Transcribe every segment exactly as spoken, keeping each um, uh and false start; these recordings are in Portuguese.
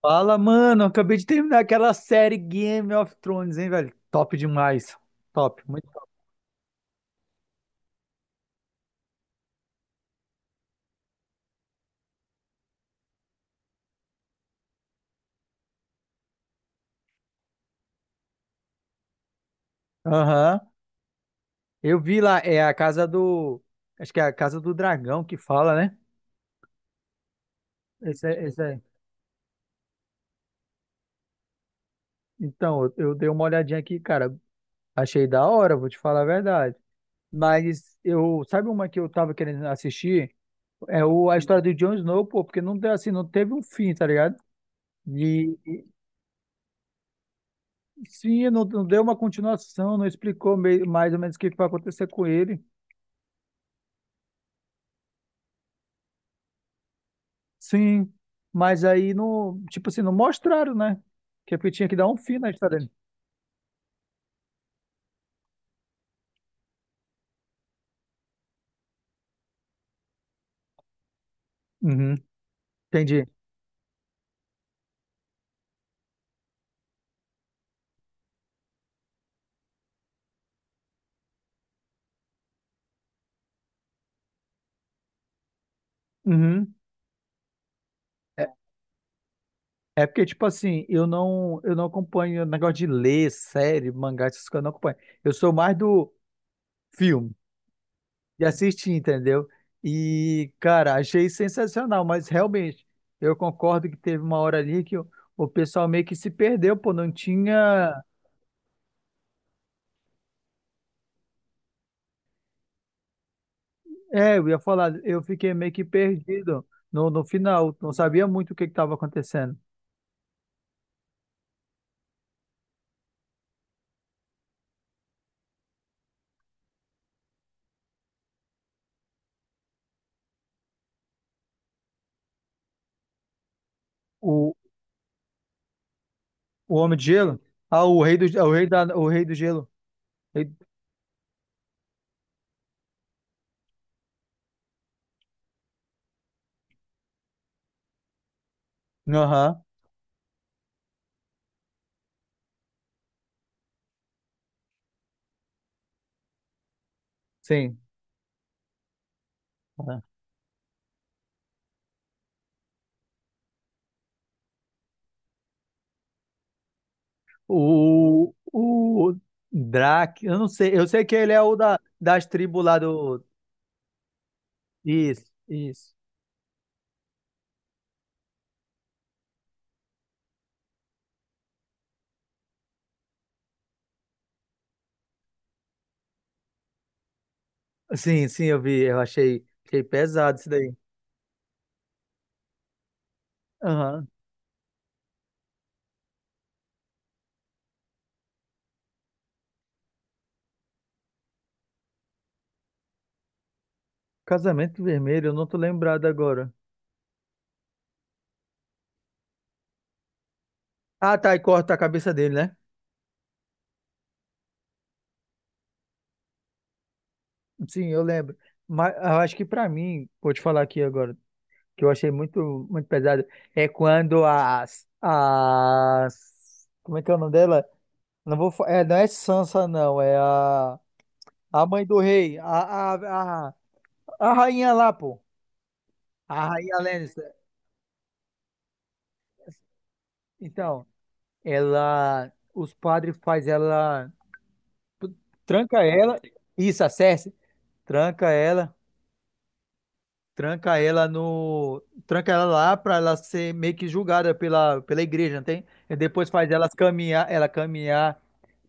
Fala, mano. Acabei de terminar aquela série Game of Thrones, hein, velho? Top demais. Top, muito top. Aham. Eu vi lá, é a casa do. Acho que é a casa do dragão que fala, né? Esse é, esse é. Então, eu, eu dei uma olhadinha aqui, cara. Achei da hora, vou te falar a verdade. Mas eu. Sabe uma que eu tava querendo assistir? É o, a história do Jon Snow, pô, porque não, deu assim, não teve um fim, tá ligado? E sim, não, não deu uma continuação, não explicou meio- mais ou menos o que que vai acontecer com ele. Sim, mas aí não, tipo assim, não mostraram, né? Que é porque tinha que dar um fim na história dele. Uhum, entendi. Uhum. É, é porque, tipo assim, eu não, eu não acompanho negócio de ler, série, mangá, essas coisas, eu não acompanho. Eu sou mais do filme, de assistir, entendeu? E, cara, achei sensacional, mas realmente, eu concordo que teve uma hora ali que o, o pessoal meio que se perdeu, pô, não tinha. É, eu ia falar, eu fiquei meio que perdido no, no final, não sabia muito o que estava acontecendo. O, o Homem de Gelo? Ah, o Rei do, o rei da, o Rei do Gelo. Rei- Aham, sim. Aham. O, o Drac, eu não sei, eu sei que ele é o da, das tribos lá do… Isso, isso. Sim, sim, eu vi, eu achei, achei pesado isso daí. Aham. Casamento Vermelho, eu não tô lembrado agora. Ah, tá, e corta a cabeça dele, né? Sim, eu lembro. Mas eu acho que pra mim, vou te falar aqui agora, que eu achei muito, muito pesado, é quando as, as, como é que é o nome dela? Não vou, fa- é, não é Sansa, não, é a, a mãe do rei, a, a, a, a rainha lá, pô, a rainha Lannister. Então, ela, os padres faz ela, tranca ela, isso, a Cersei, tranca ela, tranca ela no. Tranca ela lá pra ela ser meio que julgada pela, pela igreja, não tem? E depois faz elas caminhar, ela caminhar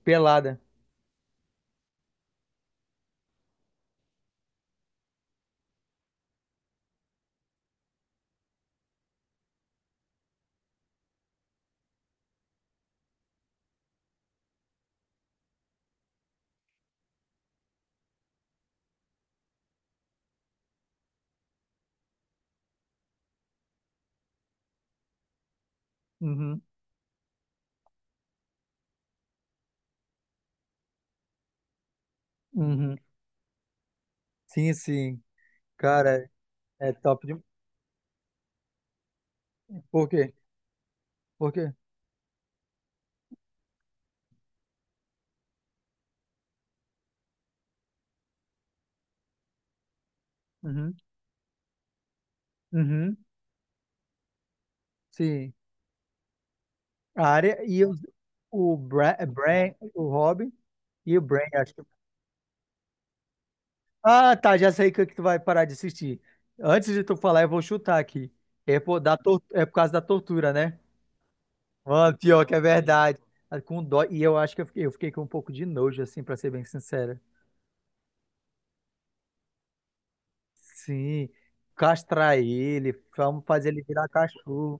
pelada. Uhum, uhum. Sim, sim. Cara, é top de. Por quê? Por quê? Uhum, uhum. Sim. A área e os, o Bra, Bran, o Robin e o Bran, acho que. Ah, tá, já sei que, que tu vai parar de assistir. Antes de tu falar, eu vou chutar aqui. É por, da, tor- é por causa da tortura, né? Mano, pior que é verdade. Ah, com dó. E eu acho que eu fiquei, eu fiquei com um pouco de nojo, assim, pra ser bem sincero. Sim. Castrar ele, vamos fazer ele virar cachorro.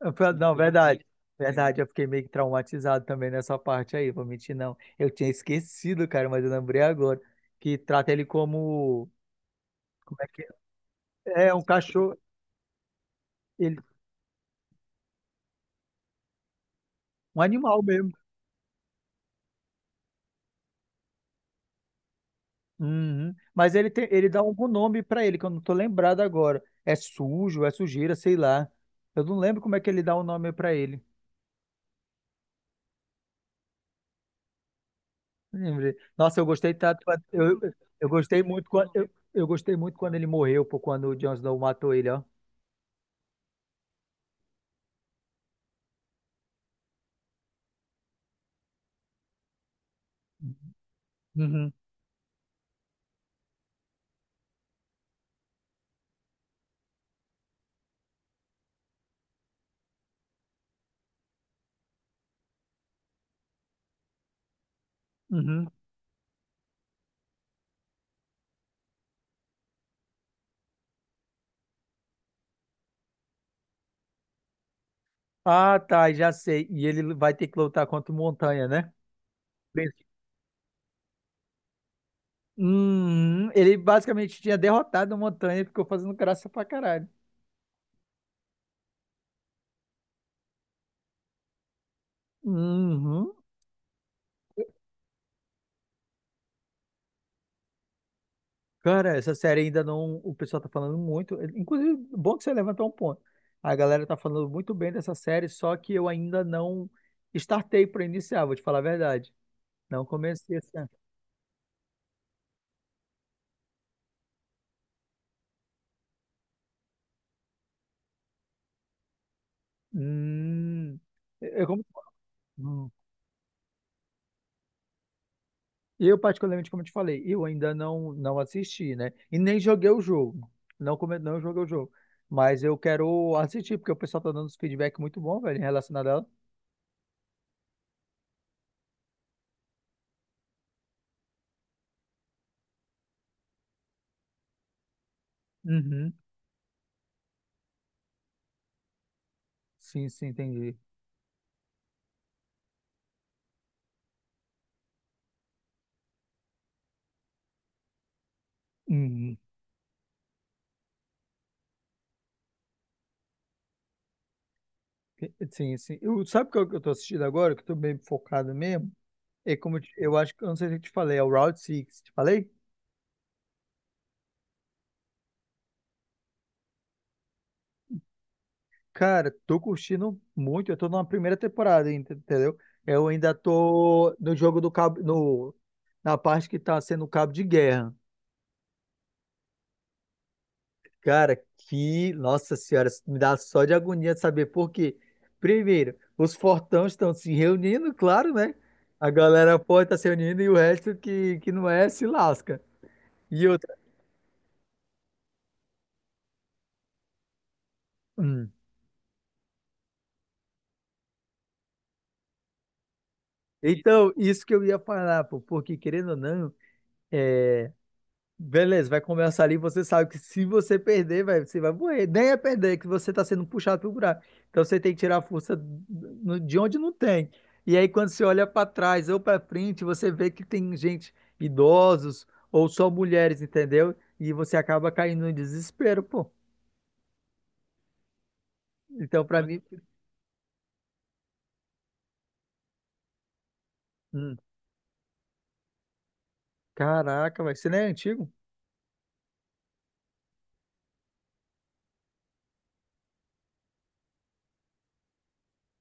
Eu falei, não, verdade. Verdade, eu fiquei meio que traumatizado também nessa parte aí, vou mentir não. Eu tinha esquecido, cara, mas eu lembrei agora que trata ele como, como é que é? É um cachorro, ele, um animal mesmo. Uhum. Mas ele tem, ele dá algum nome pra ele, que eu não tô lembrado agora. É sujo, é sujeira, sei lá. Eu não lembro como é que ele dá o nome pra ele. Lembrei. Nossa, eu gostei tanto. quando- Eu, eu gostei muito quando eu, eu gostei muito quando ele morreu, pô, quando o Jon Snow matou ele, ó. Uhum, uhum. Ah, tá, já sei. E ele vai ter que lutar contra o Montanha, né? Bem- Uhum. Ele basicamente tinha derrotado o Montanha e ficou fazendo graça pra caralho. Uhum. Cara, essa série ainda não. O pessoal tá falando muito. eh, Inclusive, bom que você levantou um ponto. A galera tá falando muito bem dessa série, só que eu ainda não startei pra iniciar, vou te falar a verdade. Não comecei essa. Hum, eu, como- hum. Eu, particularmente, como eu te falei, eu ainda não, não assisti, né? E nem joguei o jogo. Não, come… não joguei o jogo. Mas eu quero assistir, porque o pessoal tá dando uns feedback muito bom, velho, em relação a ela. Uhum. Sim, sim, entendi. Uhum. Sim, sim. Eu, sabe qual que eu tô assistindo agora, que eu tô bem focado mesmo? É como eu, te- eu acho que, eu não sei se eu te falei, é o Route Six Te falei? Cara, tô curtindo muito. Eu tô numa primeira temporada, ent- entendeu? Eu ainda tô no jogo do cabo, no, na parte que tá sendo o cabo de guerra. Cara, que, nossa senhora, isso me dá só de agonia de saber por quê. Primeiro, os fortões estão se reunindo, claro, né? A galera pode estar se reunindo e o resto que, que não é se lasca. E outra. Hum, então, isso que eu ia falar, pô, porque querendo ou não, beleza, vai começar ali, você sabe que se você perder, vai, você vai morrer. Nem é perder, é que você tá sendo puxado pro buraco. Então você tem que tirar a força no- de onde não tem. E aí quando você olha para trás ou para frente, você vê que tem gente, idosos ou só mulheres, entendeu? E você acaba caindo em desespero, pô. Então, para mim, hum, caraca, vai, você não é antigo?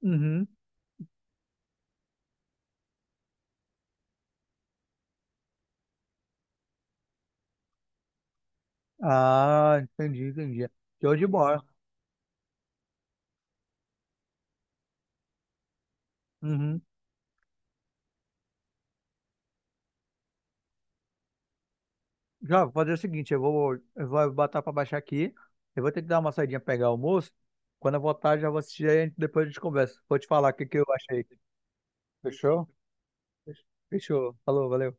Uhum. Ah, entendi, entendi. Show de bola. Uhum. Já, vou fazer o seguinte, eu vou, eu vou botar para baixar aqui. Eu vou ter que dar uma saidinha pegar o almoço. Quando eu voltar, já vou assistir aí, depois a gente conversa. Vou te falar o que que eu achei. Fechou? Fechou. Falou, valeu.